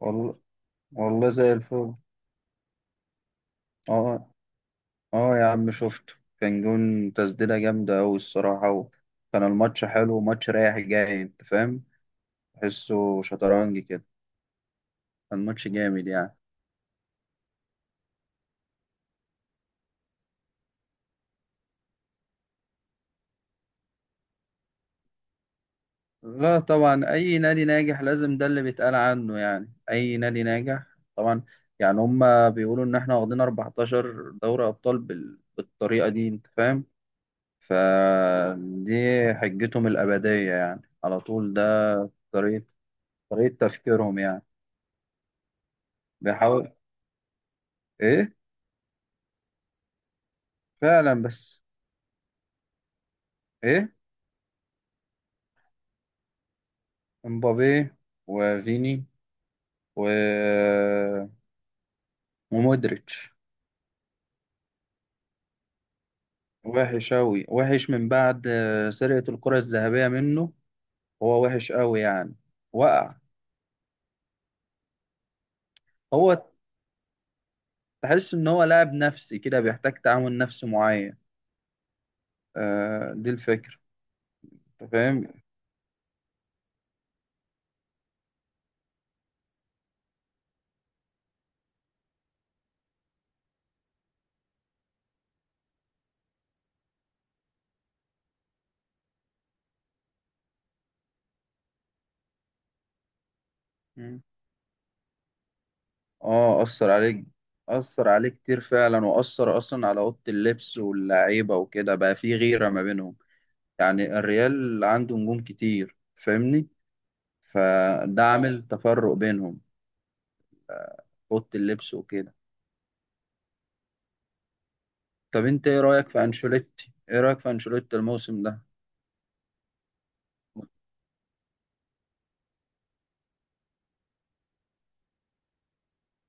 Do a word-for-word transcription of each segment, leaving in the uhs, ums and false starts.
والله. والله زي الفل. اه، اه يا عم شفته. كان جون، تسديدة جامدة أوي الصراحة، وكان الماتش حلو، وماتش رايح جاي أنت فاهم، تحسه شطرنج كده. كان ماتش جامد يعني. لا طبعا، أي نادي ناجح لازم ده اللي بيتقال عنه، يعني أي نادي ناجح. طبعا، يعني هما بيقولوا إن إحنا واخدين أربعة عشر دوري أبطال بال... بالطريقة دي أنت فاهم. فدي حجتهم الأبدية يعني، على طول ده طريقة طريقة تفكيرهم يعني. بيحاول، ايه فعلا بس. ايه؟ امبابي، وفيني، و... ومودريتش. وحش أوي، وحش من بعد آه، سرقة الكرة الذهبية منه. هو وحش أوي يعني، وقع. هو تحس إن هو لاعب نفسي كده، بيحتاج تعامل نفسي معين. آه دي الفكرة. أنت فاهم؟ مم. اه أثر عليك، أثر عليه كتير فعلا، وأثر أصلا على أوضة اللبس واللعيبة وكده، بقى في غيرة ما بينهم. يعني الريال عنده نجوم كتير فاهمني، فده عامل تفرق بينهم، اوضه اللبس وكده. طب انت ايه رايك في انشيلوتي، ايه رايك في انشيلوتي الموسم ده؟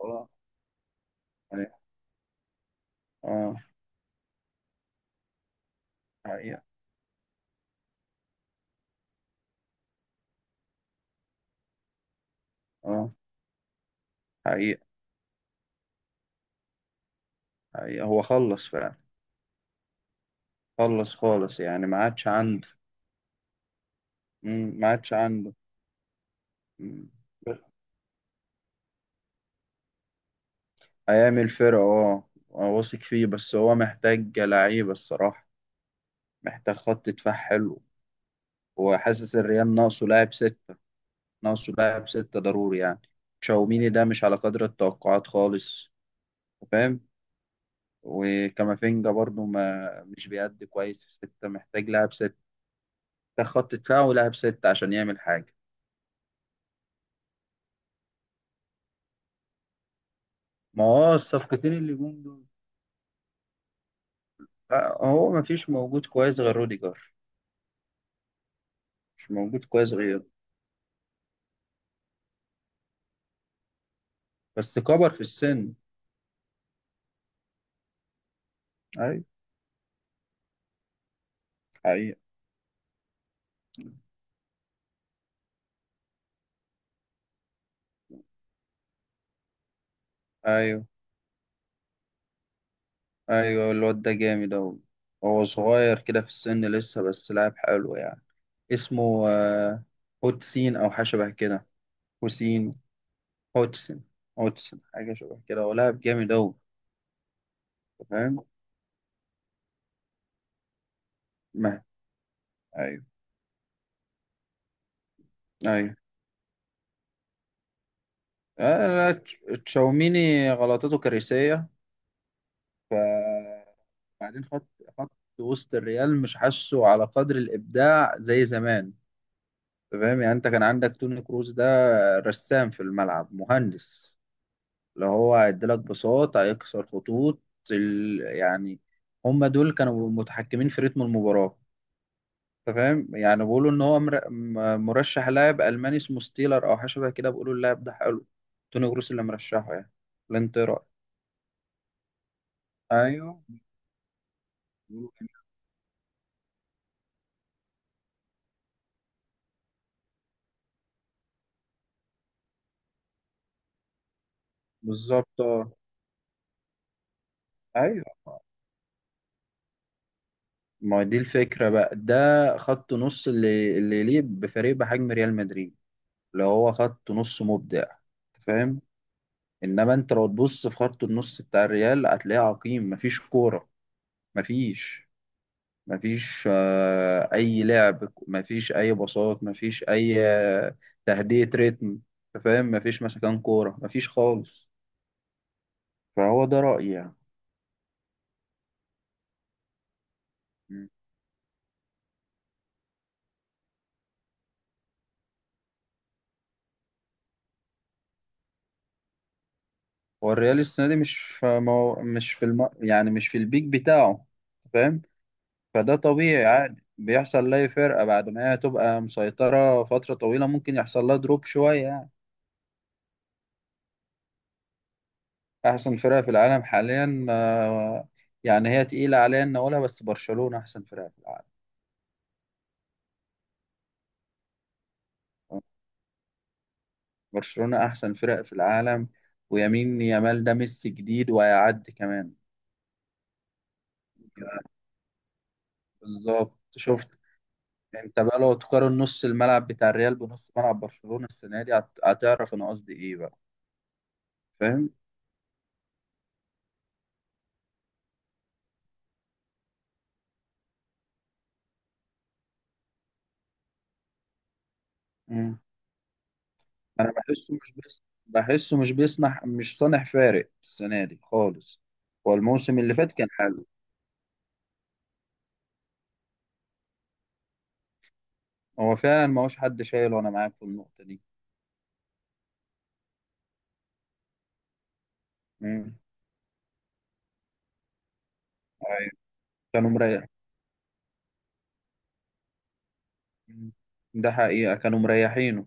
اه. اه. حقيقه. اه. حقيقه. حقيقه هو خلص فعلا، خلص خالص يعني، ما عادش عنده. مم، ما عادش عنده. مم. هيعمل فرقه اه. أنا واثق فيه، بس هو محتاج لعيبه الصراحه، محتاج خط دفاع حلو. وحاسس الريال ناقصه لاعب ست، ناقصه لاعب ستة ضروري يعني. تشاوميني ده مش على قدر التوقعات خالص، فاهم. وكامافينجا برضو ما مش بيأدي كويس في ستة، محتاج لاعب ستة. ده خط دفاع ولاعب ستة عشان يعمل حاجة. ما هو الصفقتين اللي جم دول، آه، هو ما فيش موجود كويس غير روديجر، مش موجود كويس غيره. بس كبر في السن. أيوة، حقيقة. أيوة. أيوة الواد ده جامد أوي، هو صغير كده في السن لسه، بس لاعب حلو يعني. اسمه آه، هوتسين او حاجه شبه كده. حسين، هوتسن. هوتسن حاجه شبه كده، هو لاعب جامد اوي. فاهم. ما ايوه. ايوه، آه، لا، تش- تشاوميني غلطته كارثيه. ف بعدين خط خط وسط الريال مش حاسه على قدر الابداع زي زمان. أنت فاهم يعني، انت كان عندك توني كروز ده، رسام في الملعب، مهندس، اللي هو هيديلك بساط، هيكسر خطوط ال... يعني. هم دول كانوا متحكمين في رتم المباراة. انت فاهم يعني بيقولوا ان هو مر... م- مرشح لاعب الماني اسمه ستيلر او حاجه شبه كده، بيقولوا اللاعب ده حلو. توني جروس اللي مرشحه يعني، ولا انت إيه رأيك؟ ايوه بيقولوا كده. بالظبط اه. ايوه، ما هو دي الفكرة بقى ده، خط نص اللي اللي يليق بفريق بحجم ريال مدريد، اللي هو خط نص مبدع، فاهم. انما انت لو تبص في خط النص بتاع الريال هتلاقيه عقيم، مفيش كوره، مفيش مفيش آه، اي لعب، مفيش اي باصات، مفيش اي آه، تهدئه ريتم. أنت فاهم، مفيش مسكان كوره، مفيش خالص. فهو ده رايي يعني. م. هو الريال السنه دي مش في مو... مش في الم... يعني مش في البيك بتاعه، أنت فاهم. فده طبيعي عادي، بيحصل لاي فرقه بعد ما هي تبقى مسيطره فتره طويله، ممكن يحصل لها دروب شويه يعني. احسن فرقه في العالم حاليا آه، يعني هي تقيله عليا ان اقولها، بس برشلونه احسن فرقه في العالم. برشلونه احسن فرقه في العالم. ويمين يامال ده ميسي جديد، وهيعدي كمان. بالظبط، شفت؟ انت بقى لو تقارن نص الملعب بتاع الريال بنص ملعب برشلونه السنه دي، هت- هتعرف انا قصدي ايه بقى، فاهم. مم. انا بحسه مش بس، بحسه مش بيصنع، مش صانع فارق السنه دي خالص. هو الموسم اللي فات كان حلو. هو فعلا ما هوش حد شايل، وانا معاك في النقطه دي. أيوة. كانوا مريح، ده حقيقة كانوا مريحينه.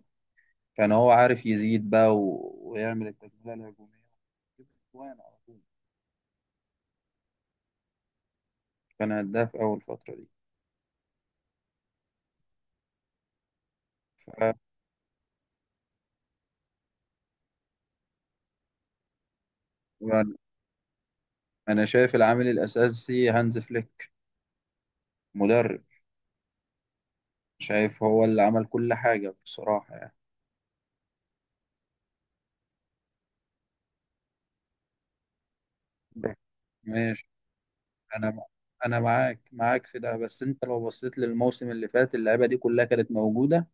كان هو عارف يزيد بقى و... ويعمل التجميلة الهجومية، يجيب أجوان على طول. كان هداف أول فترة دي. ف- وأنا- أنا شايف العامل الأساسي هانز فليك، مدرب. شايف هو اللي عمل كل حاجة بصراحة يعني. ده. ماشي. أنا أنا معاك، معاك في ده، بس أنت لو بصيت للموسم اللي فات اللعيبة دي كلها كانت موجودة.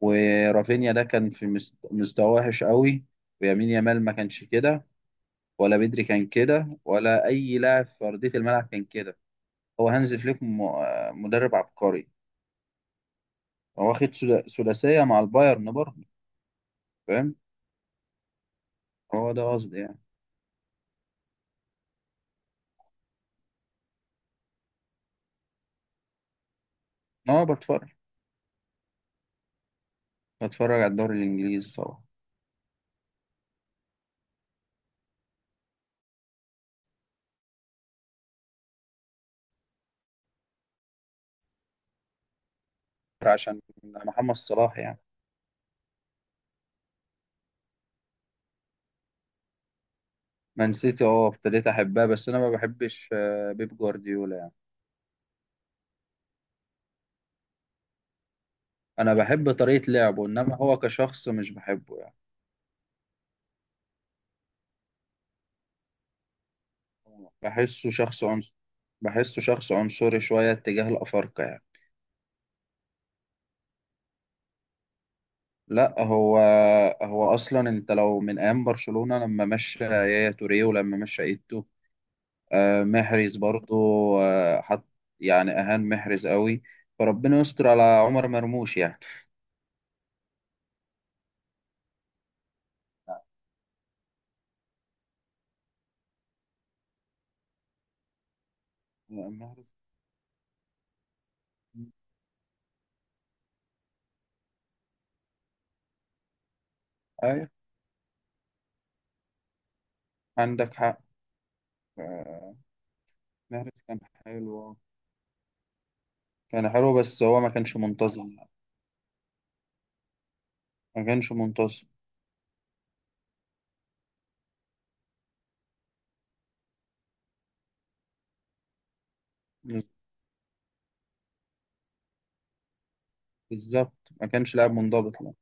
ورافينيا ده كان في مست- مستوى وحش قوي، ويمين يامال ما كانش كده، ولا بدري كان كده، ولا اي لاعب في ارضيه الملعب كان كده. هو هانز فليك م- آه، مدرب عبقري. هو واخد سدا- ثلاثيه مع البايرن برضه، فاهم. هو ده قصدي يعني. إن هو بتفرج، بتفرج على الدوري الانجليزي طبعا، عشان محمد صلاح يعني. مان سيتي اه، ابتديت احبها، بس انا ما بحبش آه، بيب جوارديولا يعني. انا بحب طريقه لعبه، انما هو كشخص مش بحبه يعني. بحسه شخص عنصري، بحسه شخص عنصري شويه اتجاه الافارقه يعني. لا هو، هو اصلا انت لو من ايام برشلونة لما مشى يايا توريه، ولما مشى ايتو، آه، محرز برضو، آه، حط يعني اهان محرز قوي، فربنا يستر على عمر مرموش يعني. محرز، ايوه عندك حق. آه، محرز كان حلو، كان حلو، بس هو ما كانش منتظم، ما كانش منتظم. بالظبط، ما كانش لاعب منضبط لا.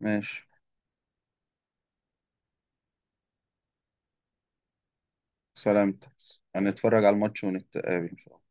ماشي، سلامتك. هنتفرج على الماتش ونتقابل ان شاء الله.